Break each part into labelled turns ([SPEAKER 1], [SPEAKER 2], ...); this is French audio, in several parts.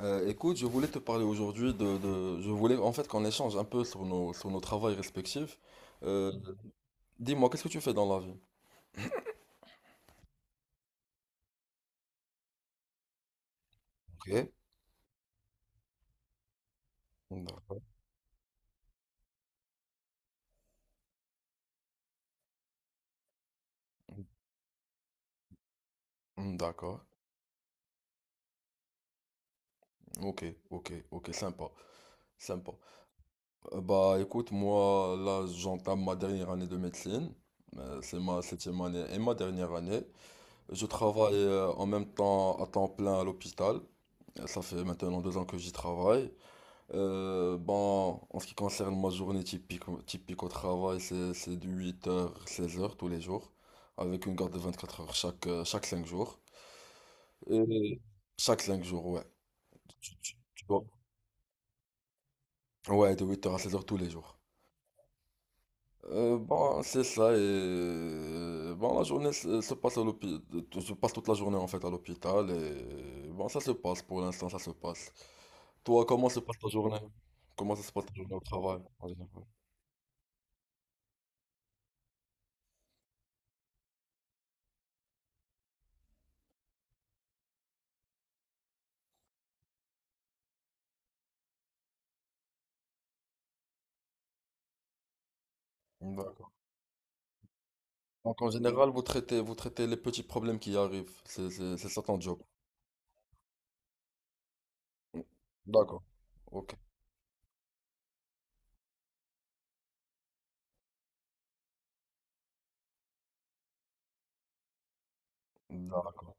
[SPEAKER 1] Écoute, je voulais te parler aujourd'hui Je voulais en fait qu'on échange un peu sur nos travails respectifs. Euh, dis-moi, qu'est-ce que tu fais dans la vie? Ok. D'accord. Hmm, d'accord. Ok, ok, ok, sympa, sympa. Bah écoute, moi là j'entame ma dernière année de médecine. C'est ma septième année et ma dernière année. Je travaille en même temps à temps plein à l'hôpital. Ça fait maintenant 2 ans que j'y travaille. Bon, en ce qui concerne ma journée typique, typique au travail, c'est de 8 heures 16 heures tous les jours, avec une garde de 24 heures chaque 5 jours. Et chaque 5 jours, ouais. Tu vois. Ouais, de 8 heures à 16 heures tous les jours. Bon, c'est ça, et bon, la journée se passe à l'hôpital, je passe toute la journée en fait à l'hôpital, et bon, ça se passe pour l'instant, ça se passe. Toi, comment se passe ta journée? Comment ça se passe ta journée au travail? En général Donc en général, vous traitez les petits problèmes qui arrivent. C'est ça ton job. Mm. D'accord. Ok. D'accord.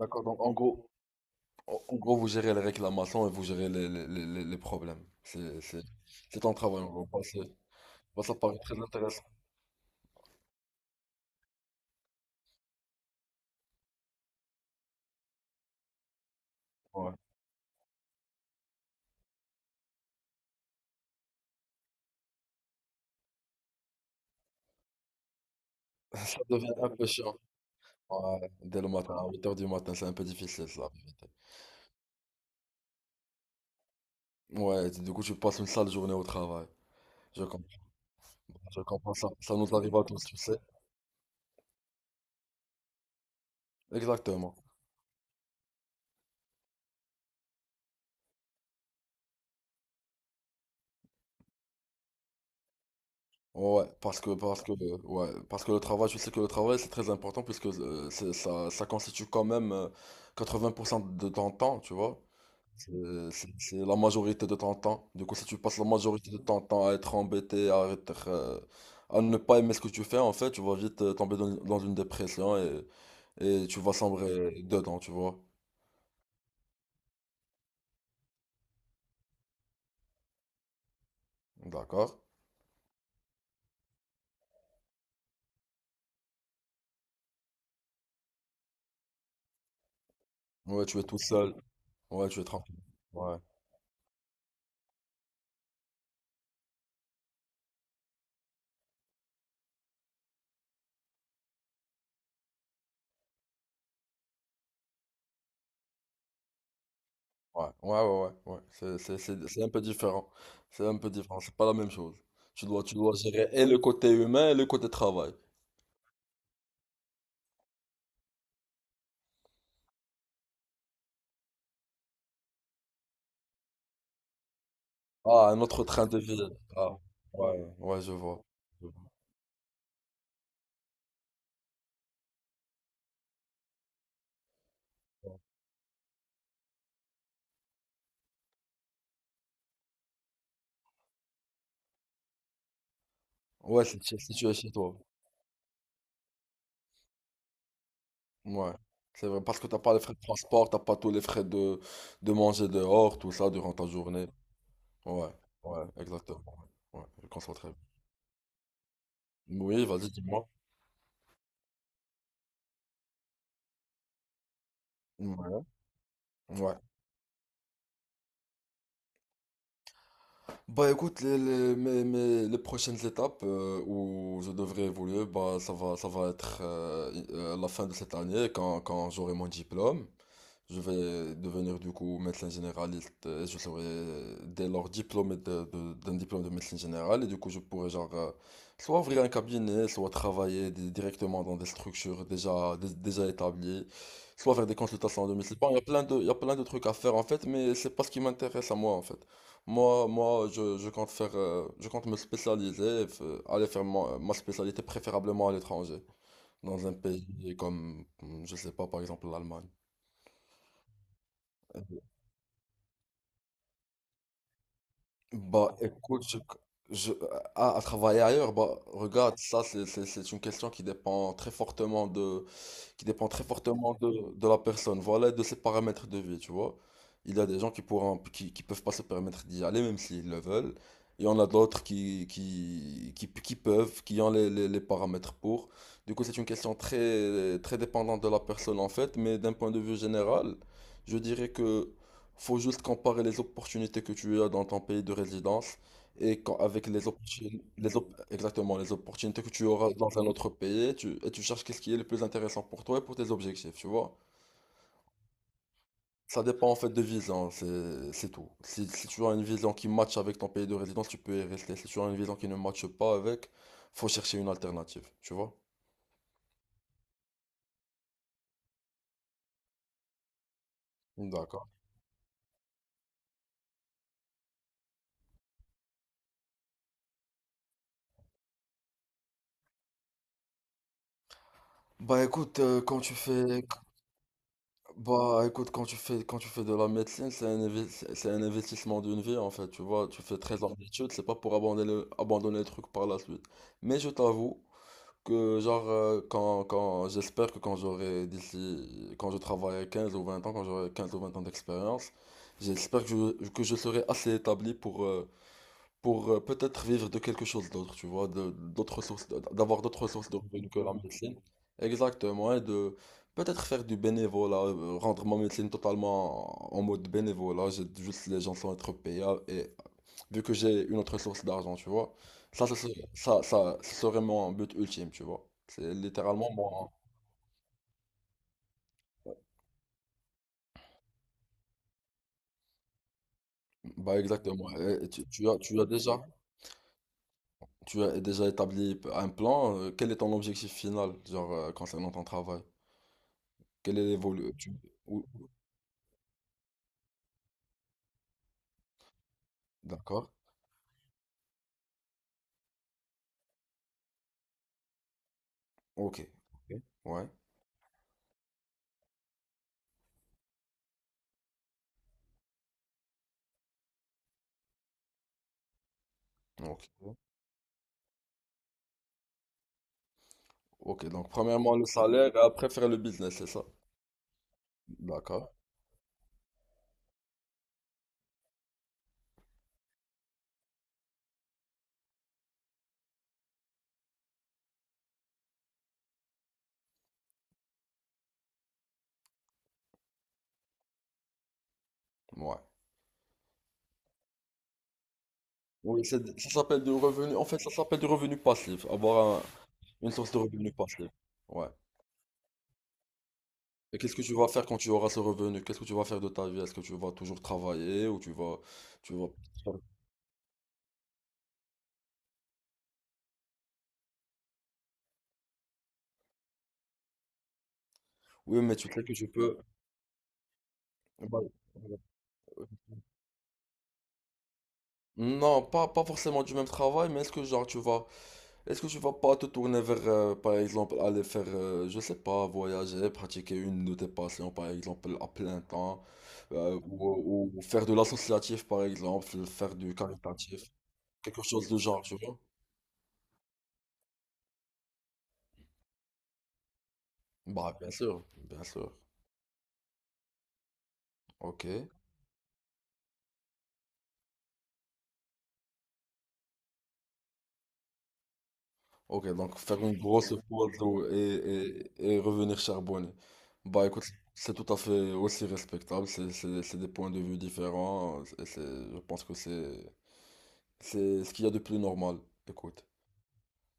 [SPEAKER 1] D'accord. Donc en gros, vous gérez les réclamations et vous gérez les problèmes. C'est ton travail en gros. Bah, ça paraît très intéressant. Ouais. Ça devient un peu chiant. Ouais. Dès le matin, à 8 h du matin, c'est un peu difficile, ça, la vérité. Ouais, du coup, tu passes une sale journée au travail. Je comprends. Je comprends ça. Ça nous arrive à tous, tu sais. Exactement. Ouais, ouais, parce que le travail, je sais que le travail c'est très important puisque ça constitue quand même 80 % de ton temps, tu vois. C'est c'est la majorité de ton temps. Du coup, si tu passes la majorité de ton temps à être embêté, à ne pas aimer ce que tu fais, en fait, tu vas vite tomber dans une dépression et tu vas sombrer dedans, tu vois. D'accord? Ouais, tu es tout seul. Ouais, tu es tranquille. Ouais. Ouais, ouais, ouais, ouais, ouais. C'est un peu différent. C'est un peu différent, c'est pas la même chose. Tu dois gérer et le côté humain et le côté travail. Ah, un autre train de vie. Ah, ouais, ouais, je vois. Je vois. Ouais, si tu es chez toi. Ouais. C'est vrai, parce que t'as pas les frais de transport, t'as pas tous les frais de manger dehors, tout ça, durant ta journée. Ouais, ouais, exactement. Ouais, ouais, je conçois très bien. Oui, vas-y, dis-moi. Ouais. Ouais. Bah écoute, les prochaines étapes où je devrais évoluer, bah ça va être à la fin de cette année, quand j'aurai mon diplôme. Je vais devenir du coup médecin généraliste et je serai dès lors diplômé d'un diplôme de médecine générale et du coup je pourrai genre soit ouvrir un cabinet, soit travailler directement dans des structures déjà, déjà établies, soit faire des consultations à domicile. Bon, il y a plein de trucs à faire en fait, mais c'est pas ce qui m'intéresse à moi en fait. Moi, je compte faire, je compte me spécialiser, aller faire ma spécialité préférablement à l'étranger, dans un pays comme, je sais pas, par exemple l'Allemagne. Bah, écoute, je- à travailler ailleurs, bah, regarde, ça, c'est une question qui dépend très fortement de la personne, voilà, et de ses paramètres de vie, tu vois. Il y a des gens qui pourront, qui peuvent pas se permettre d'y aller, même s'ils le veulent. Il y en a d'autres qui peuvent, qui ont les paramètres pour. Du coup, c'est une question très, très dépendante de la personne, en fait, mais d'un point de vue général, je dirais que faut juste comparer les opportunités que tu as dans ton pays de résidence et avec les opportunités, exactement, les opportunités que tu auras dans un autre pays, et tu cherches qu'est-ce qui est le plus intéressant pour toi et pour tes objectifs, tu vois. Ça dépend en fait de vision, c'est tout. Si tu as une vision qui matche avec ton pays de résidence, tu peux y rester. Si tu as une vision qui ne matche pas avec, faut chercher une alternative, tu vois. D'accord. Bah écoute, quand tu fais, Bah écoute, quand tu fais de la médecine, c'est un investissement d'une vie en fait, tu vois, tu fais 13 ans d'études, c'est pas pour abandonner le truc par la suite. Mais je t'avoue que genre, j'espère que quand je travaillerai 15 ou 20 ans, quand j'aurai 15 ou 20 ans d'expérience, j'espère que que je serai assez établi pour, peut-être vivre de quelque chose d'autre, tu vois, d'avoir d'autres sources de revenus que la médecine. Exactement, et de peut-être faire du bénévolat, rendre ma médecine totalement en mode bénévolat, j'ai juste les gens sont être payés, et vu que j'ai une autre source d'argent, tu vois, ça, serait- ça, ce serait mon but ultime, tu vois. C'est littéralement moi. Bah exactement. Et tu, tu as déjà établi un plan. Quel est ton objectif final, genre, concernant ton travail? Quel est l'évolution? D'accord. Ok. Ouais. Ok. Ok. Donc, premièrement, le salaire et après faire le business, c'est ça? D'accord. Ouais. Oui, ça s'appelle du revenu. En fait, ça s'appelle du revenu passif. Avoir une source de revenu passif. Ouais. Et qu'est-ce que tu vas faire quand tu auras ce revenu? Qu'est-ce que tu vas faire de ta vie? Est-ce que tu vas toujours travailler ou tu vas. Oui, mais tu sais que tu peux. Bah, non, pas forcément du même travail, mais est-ce que genre tu vas est-ce que tu vas pas te tourner vers par exemple aller faire je sais pas voyager, pratiquer une de tes passions par exemple à plein temps ou faire de l'associatif par exemple, faire du caritatif, quelque chose de genre, tu vois? Bah bien sûr, bien sûr. OK. Ok, donc faire une grosse photo et revenir charbonner. Bah écoute, c'est tout à fait aussi respectable, c'est des points de vue différents, et je pense que c'est ce qu'il y a de plus normal, écoute.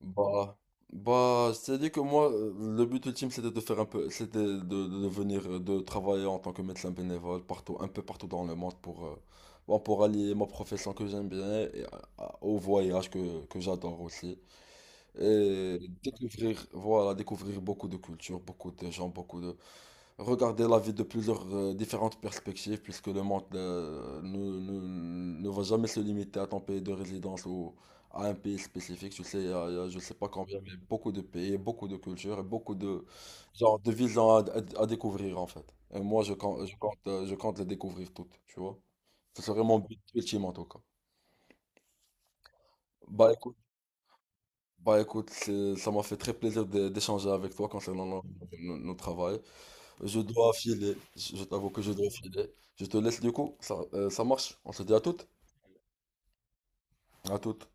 [SPEAKER 1] Bah, bah, je t'ai dit que moi, le but ultime c'était de faire un peu, c'était de venir, de travailler en tant que médecin bénévole partout, un peu partout dans le monde pour allier ma profession que j'aime bien et, au voyage que j'adore aussi. Et voilà, découvrir beaucoup de cultures, beaucoup de gens, beaucoup de... Regarder la vie de plusieurs différentes perspectives, puisque le monde ne va jamais se limiter à ton pays de résidence ou à un pays spécifique. Tu sais, il y a je sais pas combien, mais beaucoup de pays, beaucoup de cultures et beaucoup genre, de visions à découvrir, en fait. Et moi, je compte les découvrir toutes, tu vois. Ce serait mon but ultime, en tout cas. Bah, écoute. Bah écoute, ça m'a fait très plaisir d'échanger avec toi concernant nos travails. Je dois filer, je t'avoue que je dois filer. Je te laisse du coup, ça marche. On se dit à toutes. À toutes.